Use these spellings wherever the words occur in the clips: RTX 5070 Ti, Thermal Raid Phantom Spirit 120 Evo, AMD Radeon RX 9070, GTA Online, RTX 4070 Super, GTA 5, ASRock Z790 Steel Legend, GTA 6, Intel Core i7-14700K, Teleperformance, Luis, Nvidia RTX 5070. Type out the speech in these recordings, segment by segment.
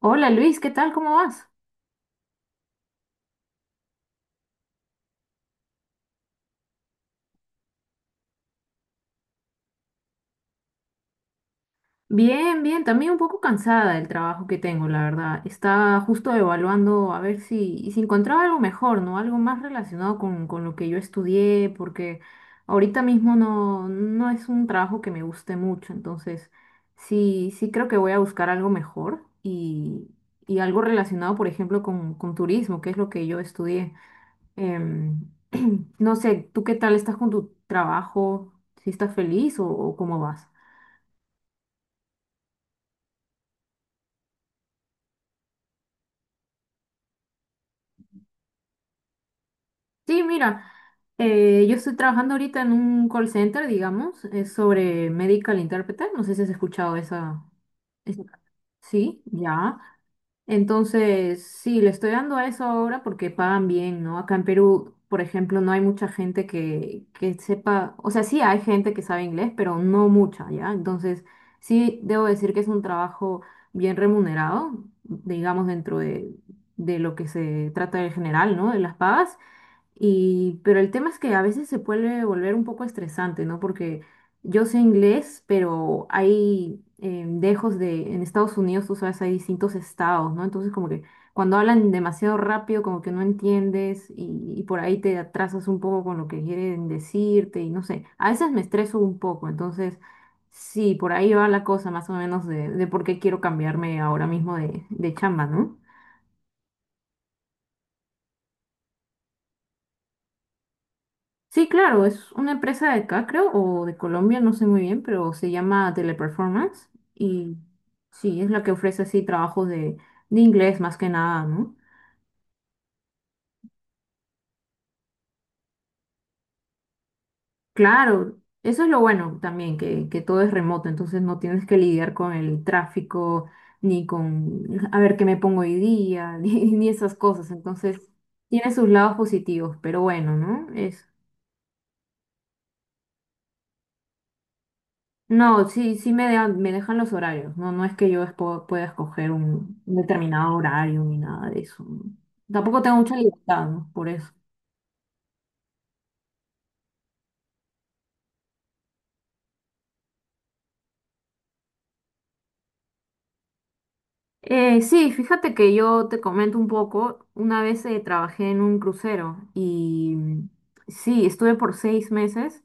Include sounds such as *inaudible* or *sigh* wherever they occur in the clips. Hola Luis, ¿qué tal? ¿Cómo vas? Bien, bien, también un poco cansada del trabajo que tengo, la verdad. Estaba justo evaluando a ver si encontraba algo mejor, ¿no? Algo más relacionado con lo que yo estudié, porque ahorita mismo no es un trabajo que me guste mucho, entonces sí, sí creo que voy a buscar algo mejor y algo relacionado, por ejemplo, con turismo, que es lo que yo estudié. Em, *clears throat* no sé, ¿tú qué tal estás con tu trabajo? ¿Si estás feliz o cómo vas? Sí, mira, yo estoy trabajando ahorita en un call center, digamos, es sobre medical interpreter. No sé si has escuchado esa, esa- Sí, ya. Entonces, sí, le estoy dando a eso ahora porque pagan bien, ¿no? Acá en Perú, por ejemplo, no hay mucha gente que sepa, o sea, sí hay gente que sabe inglés, pero no mucha, ¿ya? Entonces, sí, debo decir que es un trabajo bien remunerado, digamos, de lo que se trata en general, ¿no? De las pagas. Y, pero el tema es que a veces se puede volver un poco estresante, ¿no? Porque yo sé inglés, pero hay dejos de, en Estados Unidos, tú sabes, hay distintos estados, ¿no? Entonces como que cuando hablan demasiado rápido, como que no entiendes y por ahí te atrasas un poco con lo que quieren decirte y no sé, a veces me estreso un poco, entonces sí, por ahí va la cosa más o menos de por qué quiero cambiarme ahora mismo de chamba, ¿no? Sí, claro, es una empresa de acá, creo, o de Colombia, no sé muy bien, pero se llama Teleperformance y sí, es la que ofrece así trabajos de inglés más que nada, ¿no? Claro, eso es lo bueno también, que todo es remoto, entonces no tienes que lidiar con el tráfico, ni con a ver qué me pongo hoy día, *laughs* ni, ni esas cosas, entonces tiene sus lados positivos, pero bueno, ¿no? Es no, sí, sí me dejan los horarios, no, no es que yo pueda escoger un determinado horario ni nada de eso, ¿no? Tampoco tengo mucha libertad, ¿no? Por eso. Sí, fíjate que yo te comento un poco, una vez trabajé en un crucero y sí, estuve por 6 meses.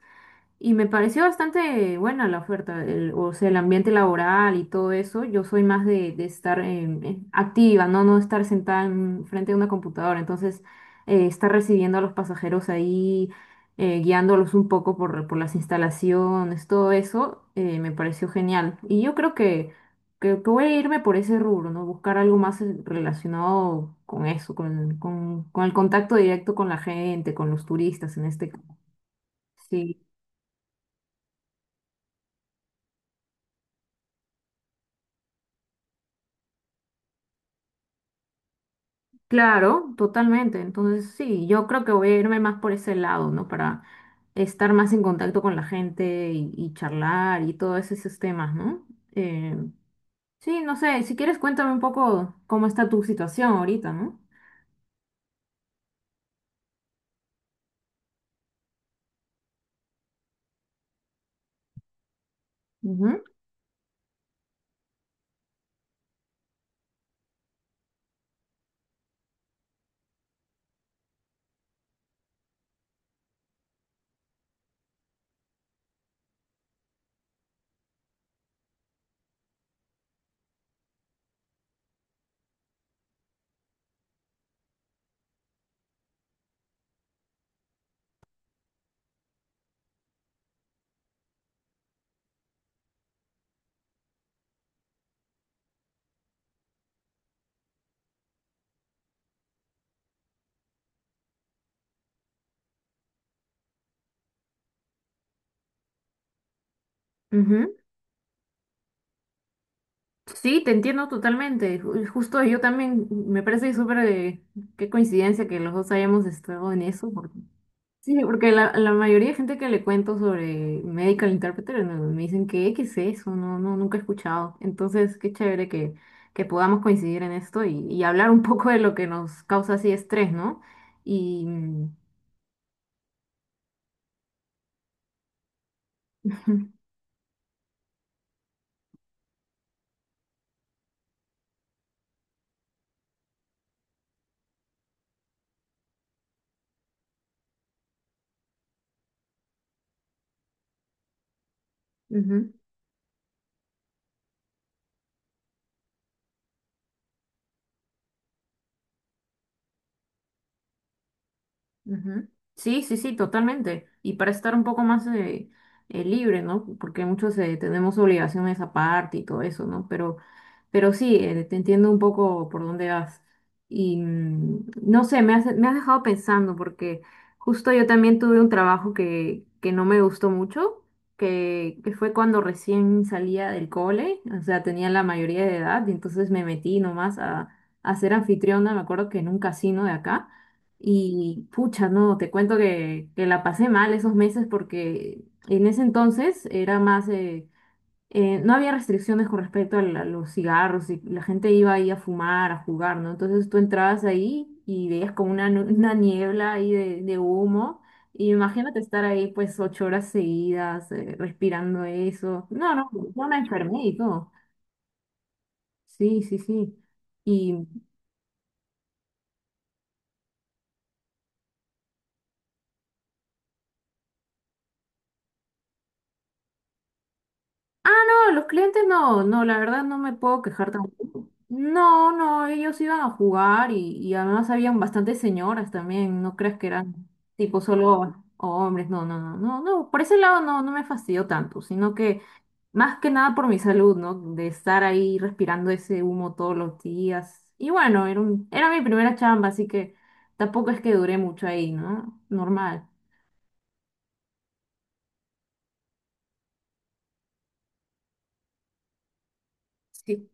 Y me pareció bastante buena la oferta, o sea, el ambiente laboral y todo eso. Yo soy más de estar activa, ¿no? No estar sentada en frente a una computadora. Entonces, estar recibiendo a los pasajeros ahí, guiándolos un poco por las instalaciones, todo eso, me pareció genial. Y yo creo que voy a irme por ese rubro, ¿no? Buscar algo más relacionado con eso, con el contacto directo con la gente, con los turistas en este caso. Sí. Claro, totalmente. Entonces, sí, yo creo que voy a irme más por ese lado, ¿no? Para estar más en contacto con la gente y charlar y todos esos temas, ¿no? Eh, sí, no sé, si quieres cuéntame un poco cómo está tu situación ahorita, ¿no? Ujú, ujú. Sí, te entiendo totalmente. Justo yo también, me parece súper de qué coincidencia que los dos hayamos estado en eso, porque sí, porque la mayoría de gente que le cuento sobre Medical Interpreter no, me dicen que, ¿qué es eso? No, no, nunca he escuchado. Entonces, qué chévere que podamos coincidir en esto y hablar un poco de lo que nos causa así estrés, ¿no? Y *laughs* ujú, ujú. Sí, sí, sí, totalmente. Y para estar un poco más libre, ¿no? Porque muchos tenemos obligaciones aparte y todo eso, ¿no? Pero sí, te entiendo un poco por dónde vas. Y no sé, me has dejado pensando porque justo yo también tuve un trabajo que no me gustó mucho, que fue cuando recién salía del cole, o sea, tenía la mayoría de edad y entonces me metí nomás a ser anfitriona, me acuerdo que en un casino de acá. Y pucha, no, te cuento que la pasé mal esos meses porque en ese entonces era más... no había restricciones con respecto a, a los cigarros y la gente iba ahí a fumar, a jugar, ¿no? Entonces tú entrabas ahí y veías como una, una niebla ahí de humo. Y imagínate estar ahí pues 8 horas seguidas respirando eso. No, no, yo me enfermé y todo. Sí, sí, sí. Y no, los clientes no, no, la verdad no me puedo quejar tampoco. No, no, ellos iban a jugar y además habían bastantes señoras también, no creas que eran tipo solo hombres, no, no, no, no, no, por ese lado no, no me fastidió tanto, sino que más que nada por mi salud, ¿no? De estar ahí respirando ese humo todos los días. Y bueno, era mi primera chamba, así que tampoco es que duré mucho ahí, ¿no? Normal. Sí.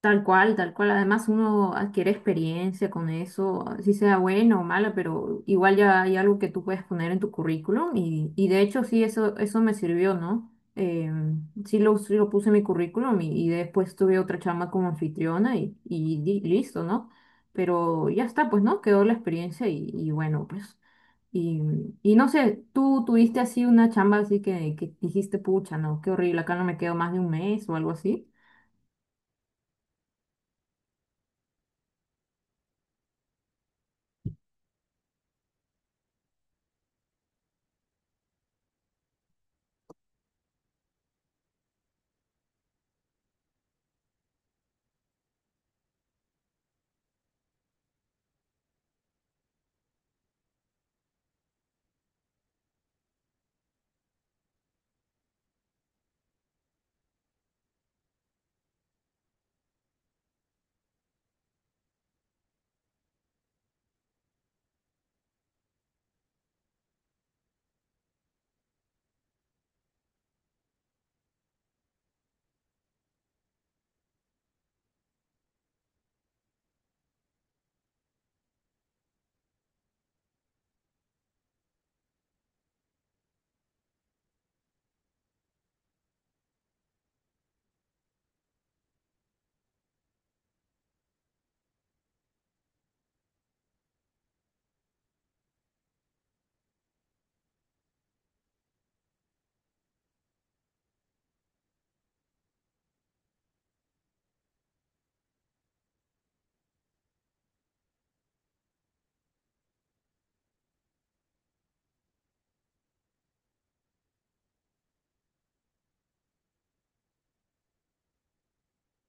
Tal cual, tal cual. Además, uno adquiere experiencia con eso, si sea buena o mala, pero igual ya hay algo que tú puedes poner en tu currículum y de hecho sí, eso me sirvió, ¿no? Sí lo puse en mi currículum y después tuve otra chamba como anfitriona y, listo, ¿no? Pero ya está, pues, ¿no? Quedó la experiencia y bueno, pues. Y, y no sé, tú tuviste así una chamba así que dijiste, pucha, no, qué horrible, acá no me quedo más de un mes o algo así.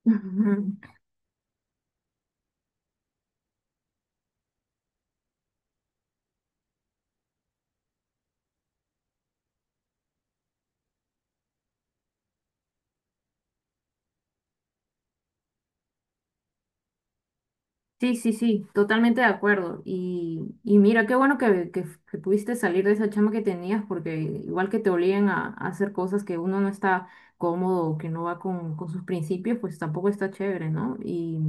*laughs* Sí, sí, sí, totalmente de acuerdo. Y mira, qué bueno que pudiste salir de esa chama que tenías, porque igual que te obligan a hacer cosas que uno no está cómodo o que no va con sus principios, pues tampoco está chévere, ¿no?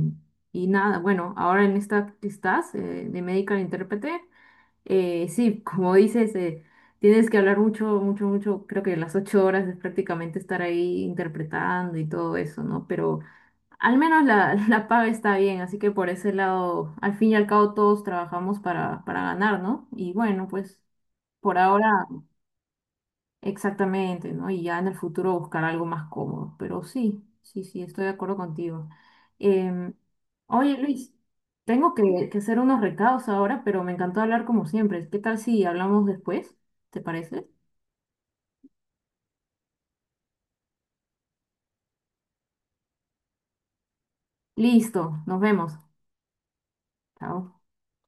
Y nada, bueno, ahora en esta que estás de medical intérprete, sí, *laughs* como dices, tienes que hablar mucho, mucho, mucho, creo que las 8 horas es prácticamente estar ahí interpretando y todo eso, ¿no? Pero... al menos la, *laughs* la paga está bien, así que por ese lado, al fin y al cabo todos trabajamos para ganar, ¿no? Y bueno, pues por ahora exactamente, ¿no? Y ya en el futuro buscar algo más cómodo, pero sí, sí, sí, estoy de acuerdo contigo. Em, oye, Luis, tengo que hacer unos recados ahora, pero me encantó hablar como siempre. ¿Qué tal si hablamos después? ¿Te parece? Listo, nos vemos. Chao.